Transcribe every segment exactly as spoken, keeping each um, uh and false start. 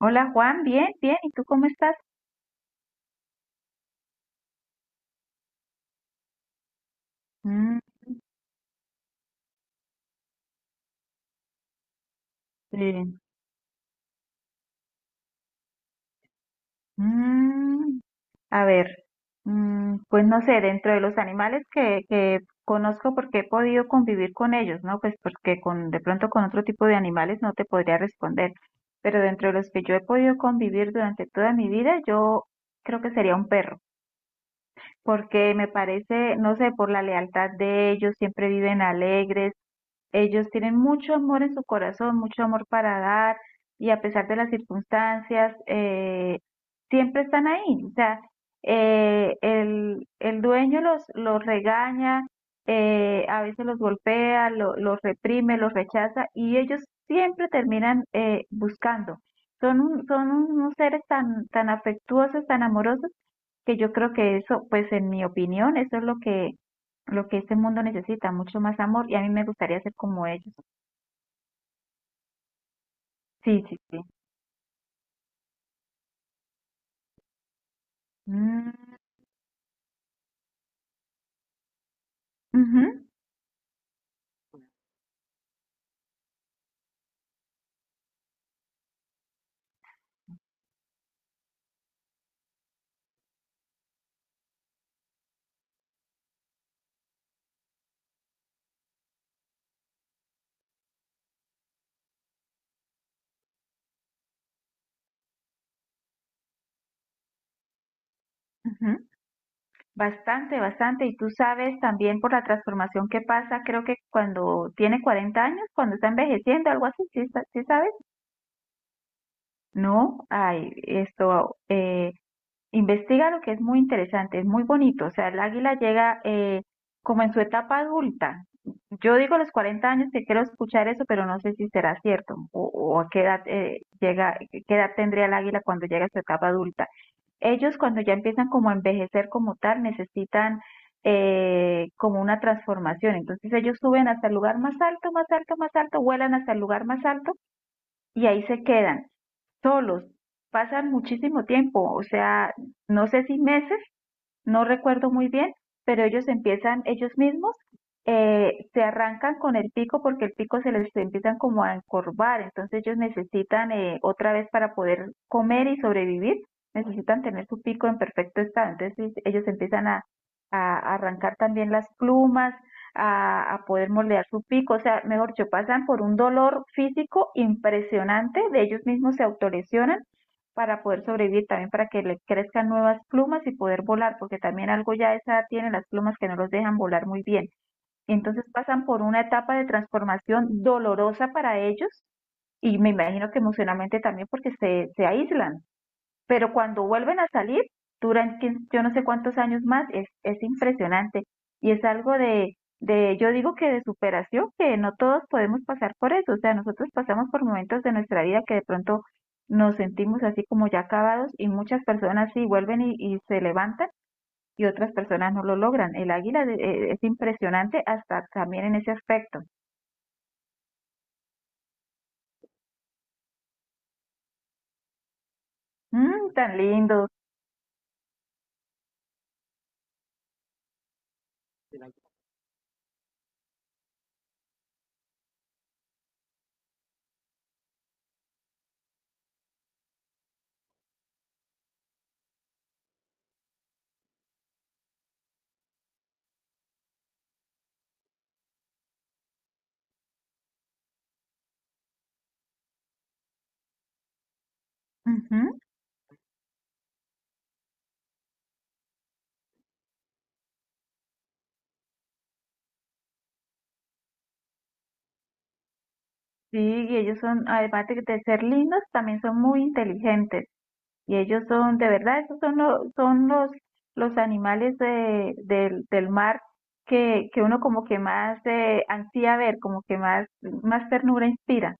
Hola Juan, bien, bien. ¿Y tú cómo estás? Mm, bien. Mm, a ver, mm, pues no sé, dentro de los animales que, que conozco porque he podido convivir con ellos, ¿no? Pues porque con, de pronto con otro tipo de animales no te podría responder. Pero dentro de los que yo he podido convivir durante toda mi vida, yo creo que sería un perro. Porque me parece, no sé, por la lealtad de ellos, siempre viven alegres. Ellos tienen mucho amor en su corazón, mucho amor para dar y a pesar de las circunstancias, eh, siempre están ahí. O sea, eh, el, el dueño los, los regaña, eh, a veces los golpea, lo- los reprime, los rechaza y ellos siempre terminan eh, buscando. Son, un- son unos seres tan, tan afectuosos, tan amorosos que yo creo que eso, pues en mi opinión, eso es lo que, lo que este mundo necesita, mucho más amor, y a mí me gustaría ser como ellos. Sí, sí. Mm, ujú, ujú. Bastante, bastante. Y tú sabes también por la transformación que pasa, creo que cuando tiene cuarenta años, cuando está envejeciendo, algo así. ¿Sí, sa- sí sabes? No, ay, esto, eh, investiga lo que es muy interesante, es muy bonito. O sea, el águila llega eh, como en su etapa adulta. Yo digo los cuarenta años que quiero escuchar eso, pero no sé si será cierto o, o a qué edad, eh, llega, qué edad tendría el águila cuando llega a su etapa adulta. Ellos cuando ya empiezan como a envejecer como tal, necesitan eh, como una transformación. Entonces ellos suben hasta el lugar más alto, más alto, más alto, vuelan hasta el lugar más alto y ahí se quedan solos. Pasan muchísimo tiempo, o sea, no sé si meses, no recuerdo muy bien, pero ellos empiezan ellos mismos, eh, se arrancan con el pico porque el pico se les empiezan como a encorvar, entonces ellos necesitan eh, otra vez para poder comer y sobrevivir, necesitan tener su pico en perfecto estado, entonces ellos empiezan a, a arrancar también las plumas, a, a poder moldear su pico, o sea, mejor dicho, pasan por un dolor físico impresionante, de ellos mismos se autolesionan para poder sobrevivir, también para que le crezcan nuevas plumas y poder volar, porque también algo ya de esa edad tiene las plumas que no los dejan volar muy bien. Entonces pasan por una etapa de transformación dolorosa para ellos y me imagino que emocionalmente también porque se, se aíslan. Pero cuando vuelven a salir, duran quién- yo no sé cuántos años más, es, es impresionante. Y es algo de, de, yo digo que de superación, que no todos podemos pasar por eso. O sea, nosotros pasamos por momentos de nuestra vida que de pronto nos sentimos así como ya acabados y muchas personas sí vuelven y, y se levantan y otras personas no lo logran. El águila de- eh, es impresionante hasta también en ese aspecto. Mm, tan lindos. Ujú. Sí, y ellos son, además de de ser lindos, también son muy inteligentes. Y ellos son, de verdad, esos son, lo- son los, los animales de- del, del mar que, que uno como que más eh, ansía ver, como que más, más ternura inspira.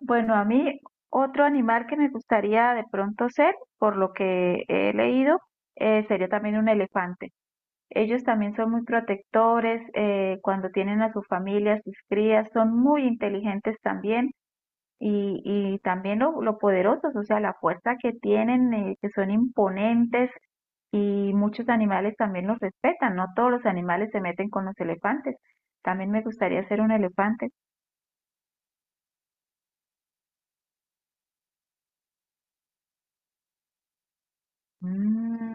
Bueno, a mí otro animal que me gustaría de pronto ser, por lo que he leído, eh, sería también un elefante. Ellos también son muy protectores, eh, cuando tienen a su familia, a sus crías, son muy inteligentes también y, y también lo, lo poderosos, o sea, la fuerza que tienen, eh, que son imponentes y muchos animales también los respetan, no todos los animales se meten con los elefantes. También me gustaría ser un elefante. Mm,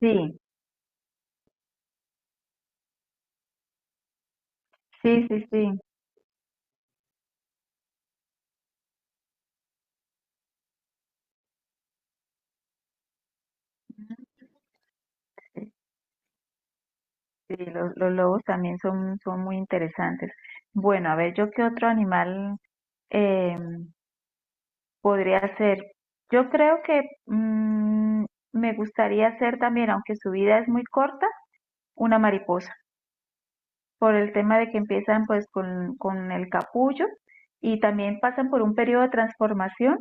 sí, sí, sí, sí. Sí, sí, los, los lobos también son, son muy interesantes. Bueno, a ver, yo qué otro animal eh, podría ser. Yo creo que mm, me gustaría ser también, aunque su vida es muy corta, una mariposa, por el tema de que empiezan pues con, con el capullo y también pasan por un periodo de transformación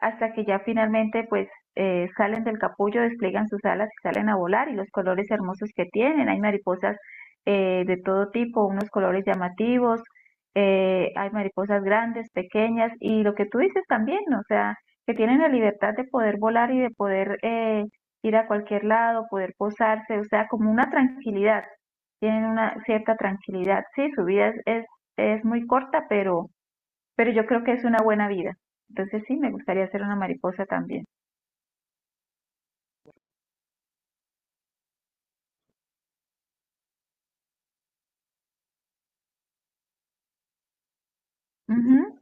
hasta que ya finalmente pues eh, salen del capullo, despliegan sus alas y salen a volar y los colores hermosos que tienen. Hay mariposas eh, de todo tipo, unos colores llamativos, eh, hay mariposas grandes, pequeñas y lo que tú dices también, o sea, que tienen la libertad de poder volar y de poder eh, ir a cualquier lado, poder posarse, o sea, como una tranquilidad, tienen una cierta tranquilidad. Sí, su vida es, es, es muy corta, pero pero yo creo que es una buena vida. Entonces sí, me gustaría ser una mariposa también. Ujú.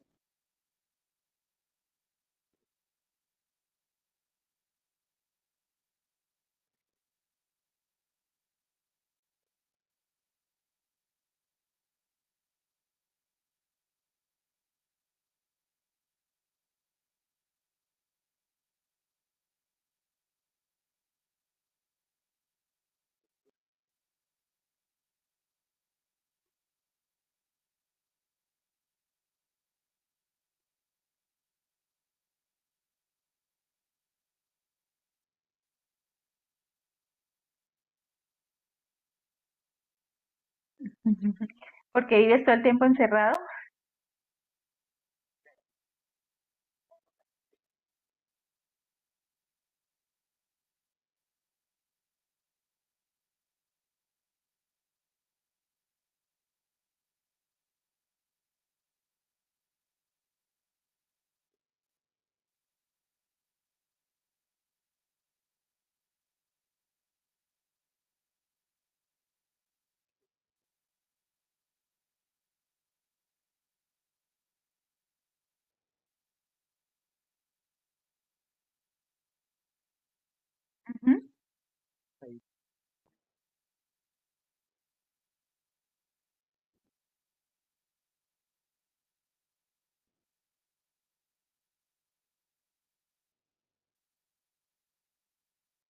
Porque vives todo el tiempo encerrado. Ujú.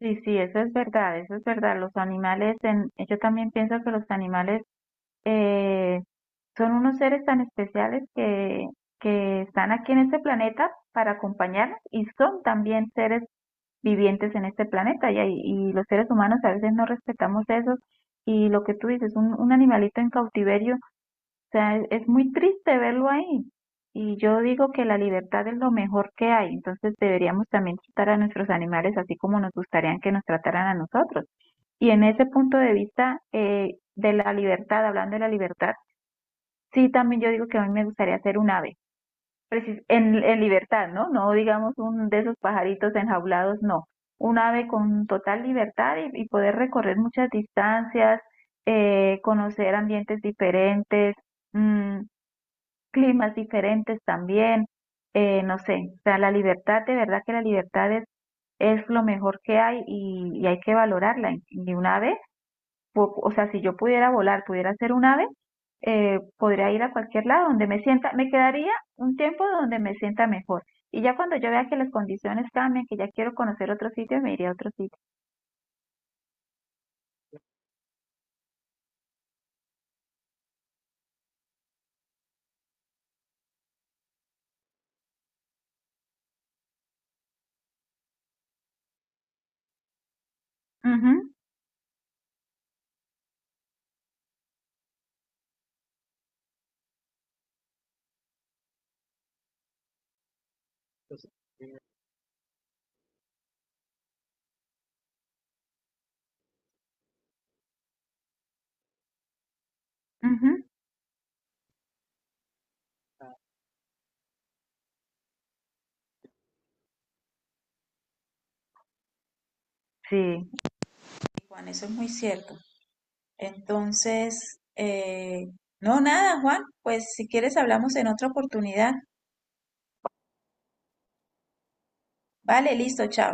Sí, sí, eso es verdad, eso es verdad. Los animales, en, yo también pienso que los animales eh, son unos seres tan especiales que, que están aquí en este planeta para acompañarnos y son también seres vivientes en este planeta y, hay- y los seres humanos a veces no respetamos eso y lo que tú dices, un, un animalito en cautiverio, sea, es, es muy triste verlo ahí. Y yo digo que la libertad es lo mejor que hay, entonces deberíamos también tratar a nuestros animales así como nos gustarían que nos trataran a nosotros. Y en ese punto de vista eh, de la libertad, hablando de la libertad, sí, también yo digo que a mí me gustaría ser un ave, precis- en, en libertad, ¿no? No digamos un de esos pajaritos enjaulados, no. Un ave con total libertad y, y poder recorrer muchas distancias, eh, conocer ambientes diferentes. mm, Climas diferentes también, eh, no sé, o sea, la libertad, de verdad que la libertad es, es lo mejor que hay y, y hay que valorarla. Y un ave, po- o sea, si yo pudiera volar, pudiera ser un ave, eh, podría ir a cualquier lado donde me sienta, me quedaría un tiempo donde me sienta mejor. Y ya cuando yo vea que las condiciones cambian, que ya quiero conocer otro sitio, me iría a otro sitio. Ujú, ujú, sí. Juan, eso es muy cierto. Entonces, eh, no, nada, Juan, pues si quieres hablamos en otra oportunidad. Vale, listo, chao.